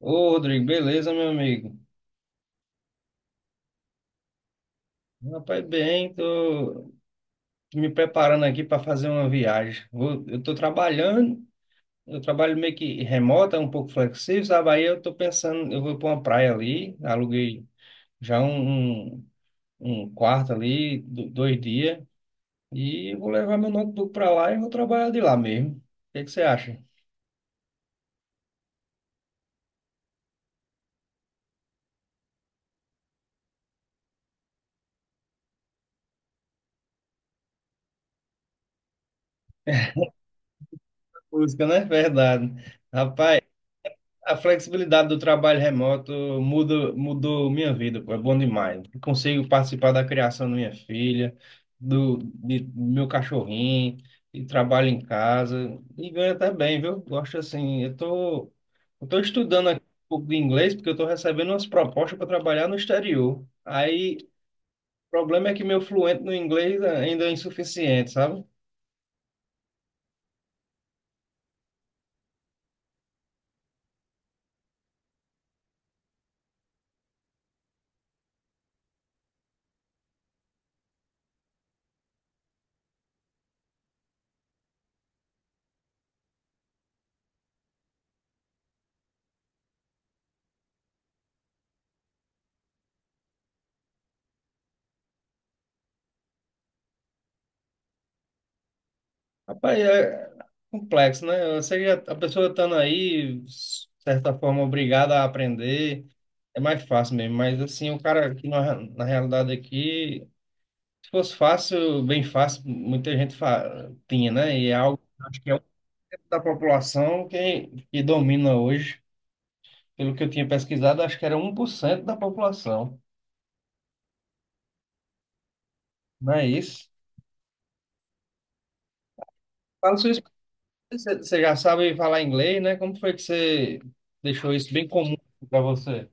Ô, Rodrigo, beleza, meu amigo? Rapaz, bem, tô me preparando aqui para fazer uma viagem. Eu tô trabalhando, eu trabalho meio que remota, um pouco flexível, sabe? Aí eu tô pensando, eu vou para uma praia ali, aluguei já um quarto ali, 2 dias, e eu vou levar meu notebook para lá e vou trabalhar de lá mesmo. O que que você acha? Música, né? Verdade. Rapaz, a flexibilidade do trabalho remoto mudou minha vida, pô, é bom demais. Consigo participar da criação da minha filha, do meu cachorrinho, e trabalho em casa, e ganho até bem, viu? Gosto assim, eu tô estudando aqui um pouco de inglês, porque eu tô recebendo umas propostas para trabalhar no exterior. Aí, o problema é que meu fluente no inglês ainda é insuficiente, sabe? Rapaz, é complexo, né? Eu sei que a pessoa estando aí, de certa forma, obrigada a aprender, é mais fácil mesmo. Mas, assim, o cara aqui, na realidade aqui, se fosse fácil, bem fácil, muita gente tinha, né? E é algo, que acho que é o da população que domina hoje. Pelo que eu tinha pesquisado, acho que era 1% da população, não é isso? Fala sua experiência, você já sabe falar inglês, né? Como foi que você deixou isso bem comum para você?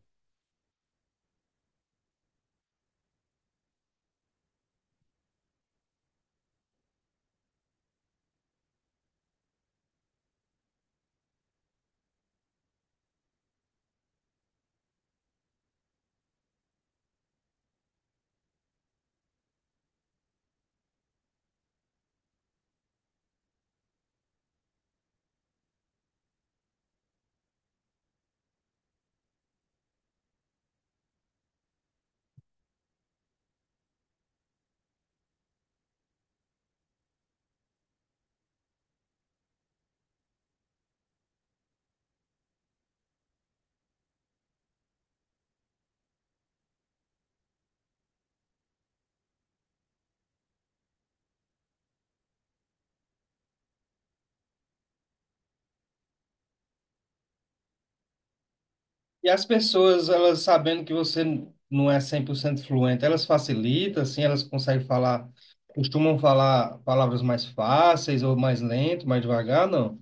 E as pessoas, elas sabendo que você não é 100% fluente, elas facilitam, assim, elas conseguem falar, costumam falar palavras mais fáceis ou mais lento, mais devagar, não?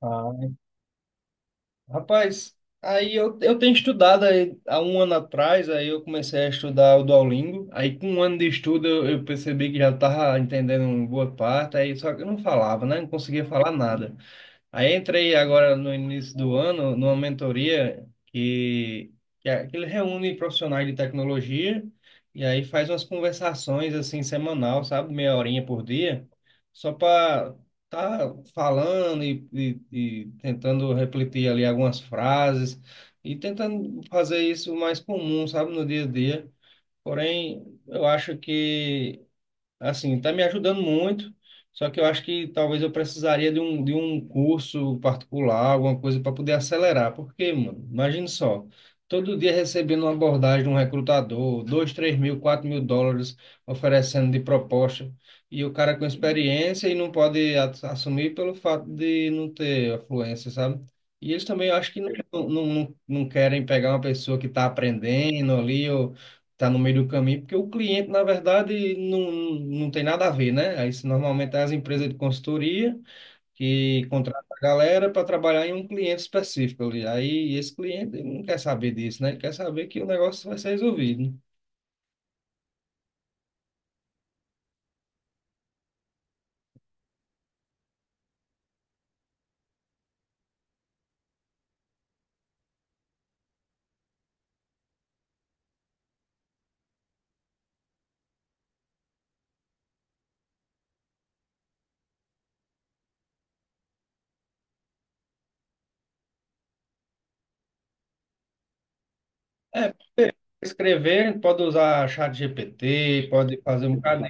Ah, rapaz, eu tenho estudado aí, há um ano atrás, aí eu comecei a estudar o Duolingo, aí com um ano de estudo eu percebi que já estava entendendo uma boa parte, aí só que eu não falava, né? Não conseguia falar nada. Aí entrei agora no início do ano numa mentoria que ele reúne profissionais de tecnologia e aí faz umas conversações assim semanal, sabe? Meia horinha por dia, só para tá falando e tentando refletir ali algumas frases e tentando fazer isso mais comum, sabe? No dia a dia. Porém, eu acho que assim, está me ajudando muito, só que eu acho que talvez eu precisaria de um curso particular, alguma coisa para poder acelerar. Porque, mano, imagina só, todo dia recebendo uma abordagem de um recrutador, dois três mil, US$ 4.000 oferecendo de proposta, e o cara com experiência e não pode assumir pelo fato de não ter afluência, sabe? E eles também, eu acho que não querem pegar uma pessoa que está aprendendo ali, tá no meio do caminho, porque o cliente, na verdade, não tem nada a ver, né? Aí, se normalmente é as empresas de consultoria que contratam a galera para trabalhar em um cliente específico ali. Aí esse cliente ele não quer saber disso, né? Ele quer saber que o negócio vai ser resolvido. Escrever, pode usar chat GPT, pode fazer um bocado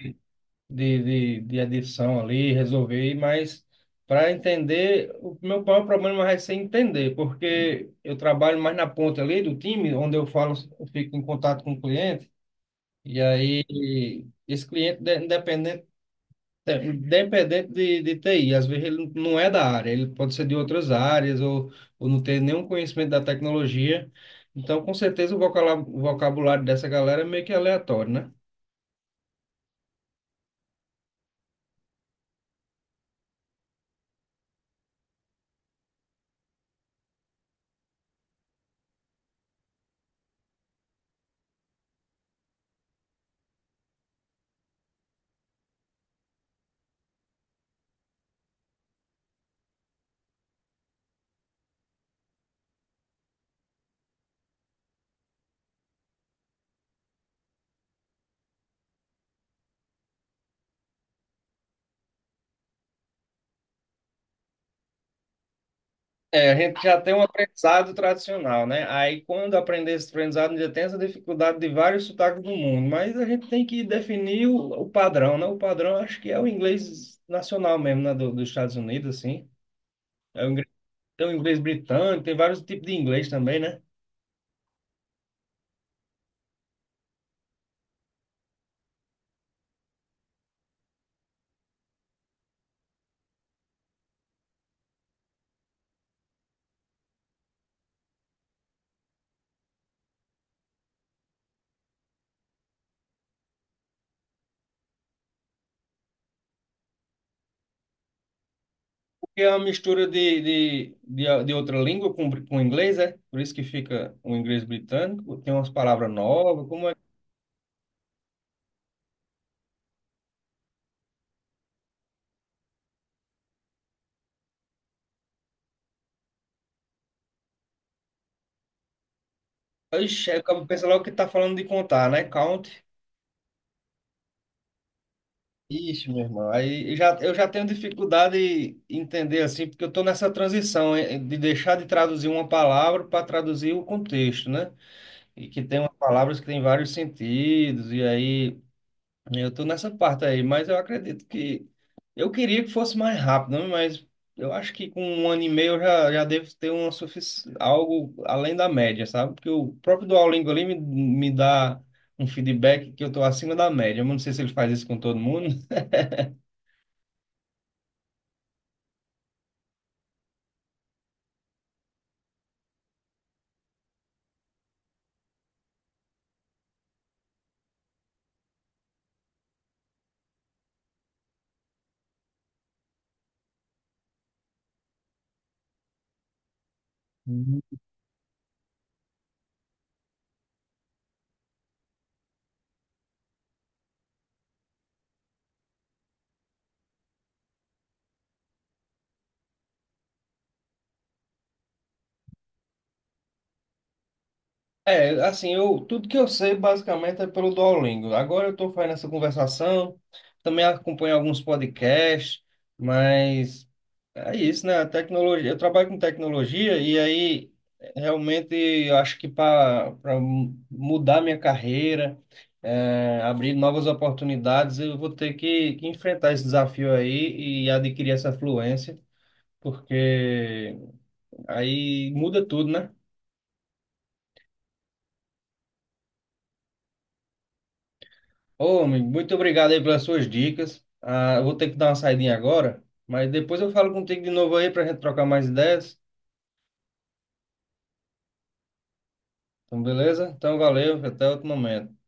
de adição ali, resolver, mas para entender, o meu maior problema vai ser entender, porque eu trabalho mais na ponta ali do time, onde eu falo, eu fico em contato com o cliente, e aí esse cliente, independente, de TI, às vezes ele não é da área, ele pode ser de outras áreas, ou não ter nenhum conhecimento da tecnologia, então com certeza o o vocabulário dessa galera é meio que aleatório, né? É, a gente já tem um aprendizado tradicional, né? Aí, quando aprender esse aprendizado, ainda tem essa dificuldade de vários sotaques do mundo, mas a gente tem que definir o padrão, né? O padrão acho que é o inglês nacional mesmo, né? Dos Estados Unidos, assim. É o inglês, tem o inglês britânico, tem vários tipos de inglês também, né? Porque é uma mistura de outra língua com inglês, é? Por isso que fica o inglês britânico, tem umas palavras novas, como é. Ixi, aí o cara pensa logo que tá falando de contar, né? Count. Ixi, meu irmão, eu já tenho dificuldade em entender assim, porque eu estou nessa transição de deixar de traduzir uma palavra para traduzir o contexto, né? E que tem umas palavras que têm vários sentidos, e aí eu estou nessa parte aí, mas eu acredito que eu queria que fosse mais rápido, né? Mas eu acho que com um ano e meio já devo ter algo além da média, sabe? Porque o próprio Duolingo ali me dá um feedback que eu estou acima da média. Eu não sei se ele faz isso com todo mundo. É, assim, eu, tudo que eu sei basicamente é pelo Duolingo. Agora eu estou fazendo essa conversação, também acompanho alguns podcasts, mas é isso, né? A tecnologia, eu trabalho com tecnologia e aí realmente eu acho que para mudar minha carreira, é, abrir novas oportunidades, eu vou ter que enfrentar esse desafio aí e adquirir essa fluência, porque aí muda tudo, né? Ô, amigo, muito obrigado aí pelas suas dicas. Ah, eu vou ter que dar uma saidinha agora, mas depois eu falo contigo de novo aí para a gente trocar mais ideias. Então, beleza? Então, valeu, até outro momento.